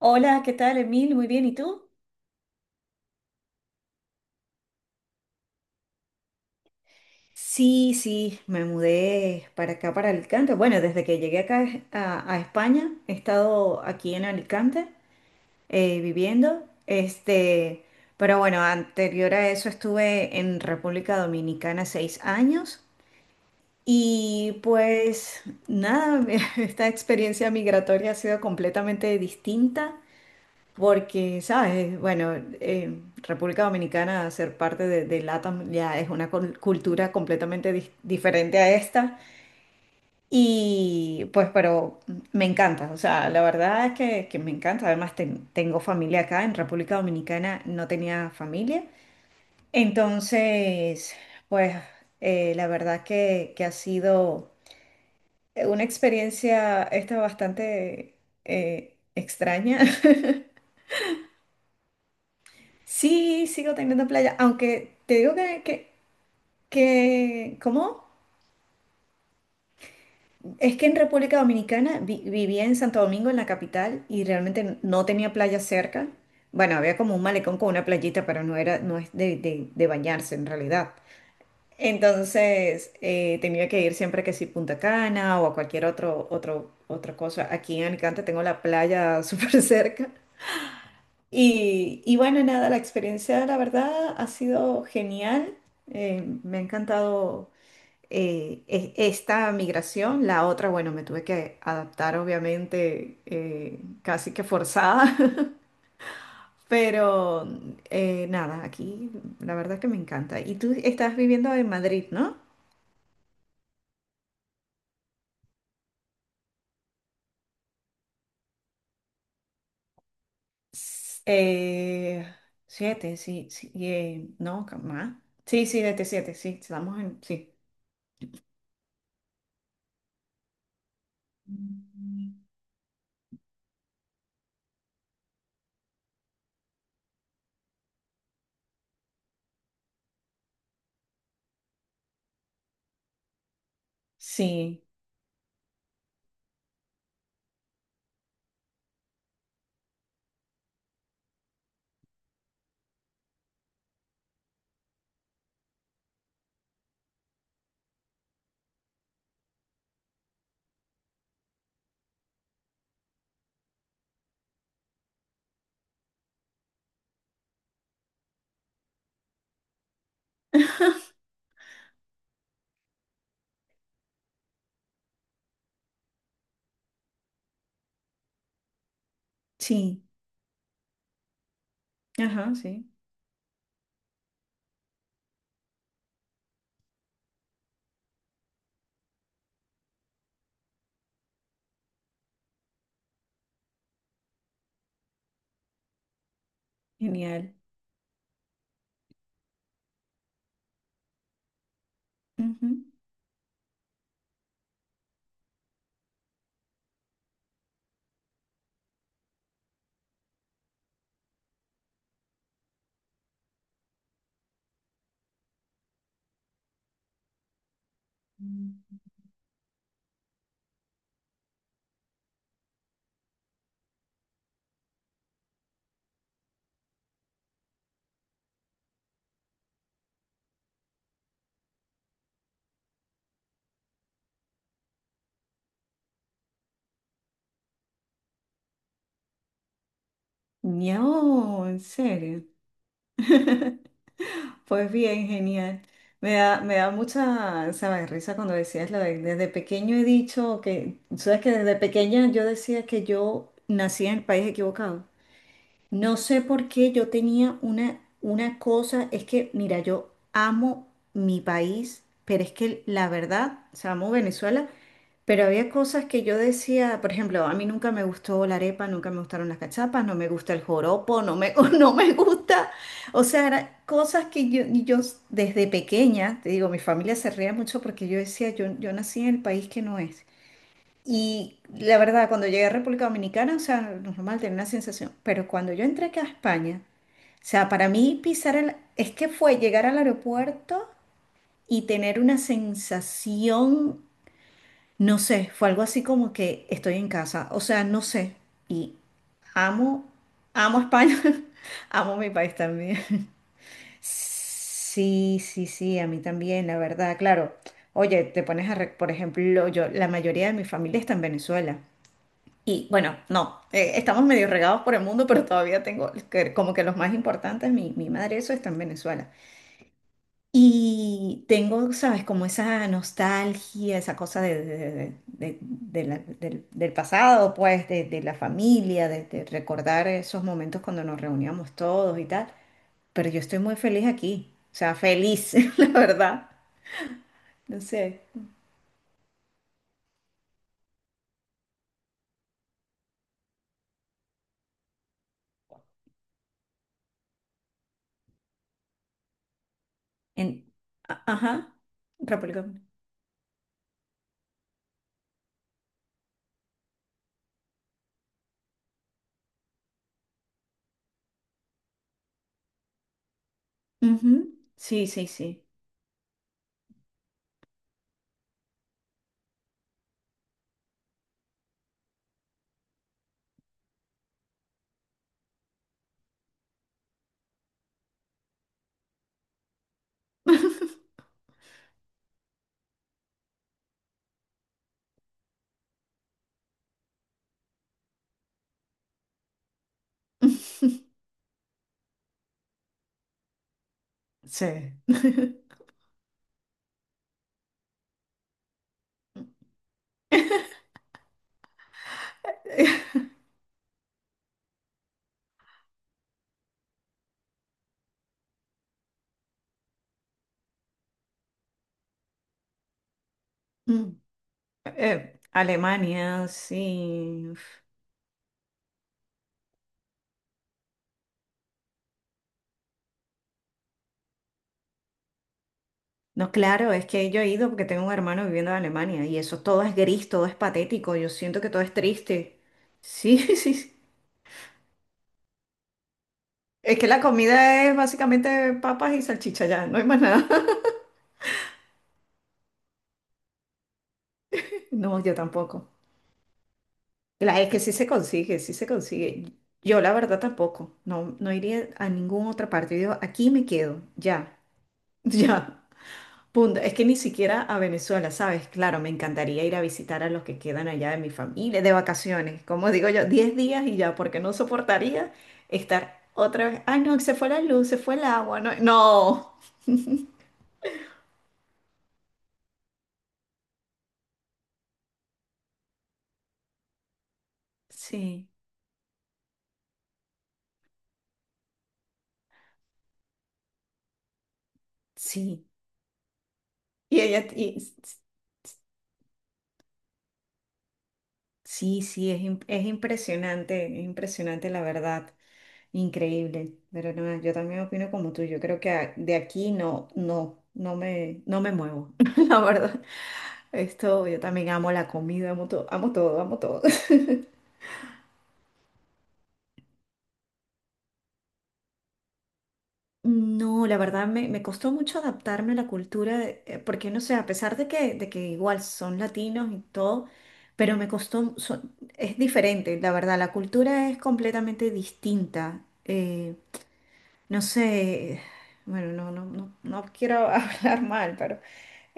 Hola, ¿qué tal, Emil? Muy bien, ¿y tú? Sí, sí, me mudé para acá, para Alicante. Bueno, desde que llegué acá a España, he estado aquí en Alicante viviendo. Este, pero bueno, anterior a eso estuve en República Dominicana 6 años. Y pues nada, esta experiencia migratoria ha sido completamente distinta. Porque, ¿sabes? Bueno, República Dominicana, ser parte de LATAM ya es una cultura completamente diferente a esta. Y pues, pero me encanta, o sea, la verdad es que me encanta. Además, tengo familia acá, en República Dominicana no tenía familia. Entonces, pues, la verdad que ha sido una experiencia esta bastante extraña. Sí, sigo teniendo playa, aunque te digo que ¿cómo? Es que en República Dominicana vivía en Santo Domingo, en la capital, y realmente no tenía playa cerca. Bueno, había como un malecón con una playita, pero no era, no es de bañarse en realidad. Entonces, tenía que ir siempre que sí Punta Cana o a cualquier otra cosa. Aquí en Alicante tengo la playa súper cerca. Y bueno, nada, la experiencia, la verdad, ha sido genial. Me ha encantado esta migración. La otra, bueno, me tuve que adaptar, obviamente, casi que forzada. Pero nada, aquí la verdad que me encanta. Y tú estás viviendo en Madrid, ¿no? S- eh, Siete, sí, sí, no, más. Sí, sí, desde siete, sí, estamos en, sí, sí, sí. Ajá, sí, genial. Ujú. No, en serio. Pues bien, genial. Me da mucha, ¿sabes? Risa cuando decías lo de desde pequeño he dicho que, ¿sabes? Que desde pequeña yo decía que yo nací en el país equivocado. No sé por qué yo tenía una cosa, es que, mira, yo amo mi país, pero es que la verdad, o sea, amo Venezuela. Pero había cosas que yo decía, por ejemplo, a mí nunca me gustó la arepa, nunca me gustaron las cachapas, no me gusta el joropo, no me, no me gusta. O sea, eran cosas que yo desde pequeña, te digo, mi familia se reía mucho porque yo decía, yo nací en el país que no es. Y la verdad, cuando llegué a República Dominicana, o sea, normal tener una sensación, pero cuando yo entré acá a España, o sea, para mí pisar el, es que fue llegar al aeropuerto y tener una sensación, no sé, fue algo así como que estoy en casa, o sea, no sé. Y amo, amo España, amo mi país también. Sí, sí, sí, a mí también, la verdad, claro. Oye, te pones a, por ejemplo, yo, la mayoría de mi familia está en Venezuela. Y bueno, no, estamos medio regados por el mundo, pero todavía tengo como que los más importantes, mi madre, eso está en Venezuela. Y tengo, sabes, como esa nostalgia, esa cosa del pasado, pues, de la familia, de recordar esos momentos cuando nos reuníamos todos y tal. Pero yo estoy muy feliz aquí, o sea, feliz, la verdad. No sé. En, ajá, República Dominicana. Ujú, sí, sí, sí. Sí. Mm, Alemania, sí. No, claro, es que yo he ido porque tengo un hermano viviendo en Alemania y eso todo es gris, todo es patético, yo siento que todo es triste. Sí, sí, sí. Es que la comida es básicamente papas y salchicha ya, no hay más nada. No, yo tampoco. La, es que sí se consigue, sí se consigue. Yo la verdad tampoco, no, no iría a ninguna otra parte. Yo digo, aquí me quedo, ya, ya. Punto. Es que ni siquiera a Venezuela, ¿sabes? Claro, me encantaría ir a visitar a los que quedan allá de mi familia, de vacaciones, como digo yo, 10 días y ya, porque no soportaría estar otra vez. Ay, no, se fue la luz, se fue el agua, no. No. Sí, sí. Y ella, y- sí, sí, es, es impresionante la verdad, increíble. Pero no, yo también opino como tú, yo creo que a- de aquí no, no, no me, no me muevo, la verdad. Esto, yo también amo la comida, amo todo, amo todo, amo todo. No, la verdad me, me costó mucho adaptarme a la cultura, porque no sé, a pesar de de que igual son latinos y todo, pero me costó, es diferente, la verdad, la cultura es completamente distinta. No sé, bueno, no, no, no, no quiero hablar mal.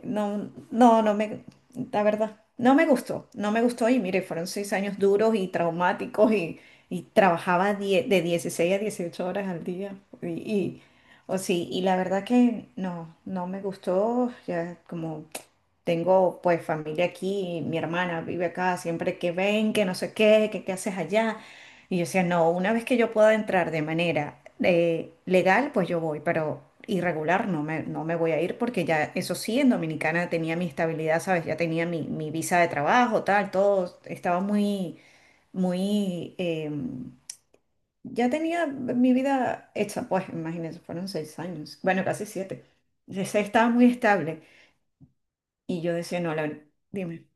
No, no, no me, la verdad, no me gustó, no me gustó y mire, fueron seis años duros y traumáticos y, trabajaba de 16 a 18 horas al día. Y, y- o sí, y la verdad que no, no me gustó, ya como tengo pues familia aquí, mi hermana vive acá, siempre que ven, que no sé qué, que qué haces allá. Y yo decía, no, una vez que yo pueda entrar de manera legal, pues yo voy, pero irregular no me, no me voy a ir porque ya, eso sí, en Dominicana tenía mi estabilidad, ¿sabes? Ya tenía mi visa de trabajo, tal, todo estaba muy, muy, em, ya tenía mi vida hecha, pues imagínense, fueron 6 años, bueno, casi siete. Entonces, estaba muy estable y yo decía, no, la, dime.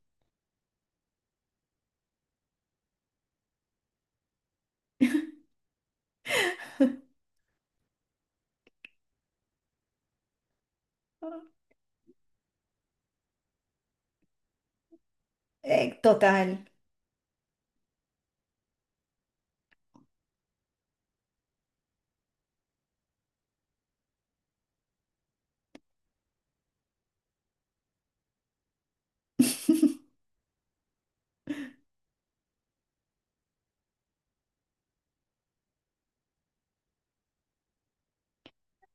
Total.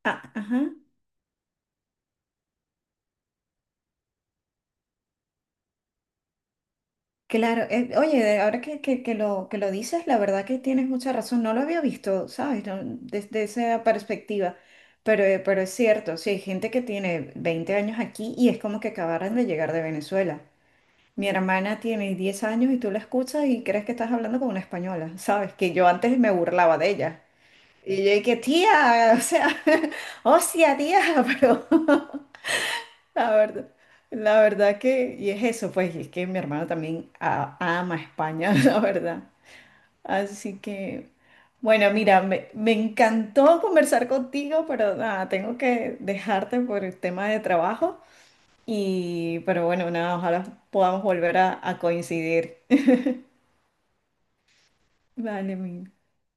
Ah, ajá. Claro. Eh, oye, de- ahora que, que lo dices, la verdad que tienes mucha razón. No lo había visto, ¿sabes? No, desde esa perspectiva. Pero es cierto, sí, hay gente que tiene 20 años aquí y es como que acabaran de llegar de Venezuela. Mi hermana tiene 10 años y tú la escuchas y crees que estás hablando con una española, ¿sabes? Que yo antes me burlaba de ella. Y yo dije, tía, o sea, hostia, tía, pero... La verdad, la verdad que, y es eso, pues, y es que mi hermano también ama España, la verdad. Así que, bueno, mira, me encantó conversar contigo, pero nada, tengo que dejarte por el tema de trabajo. Y, pero bueno, nada, ojalá podamos volver a coincidir. Vale, mi.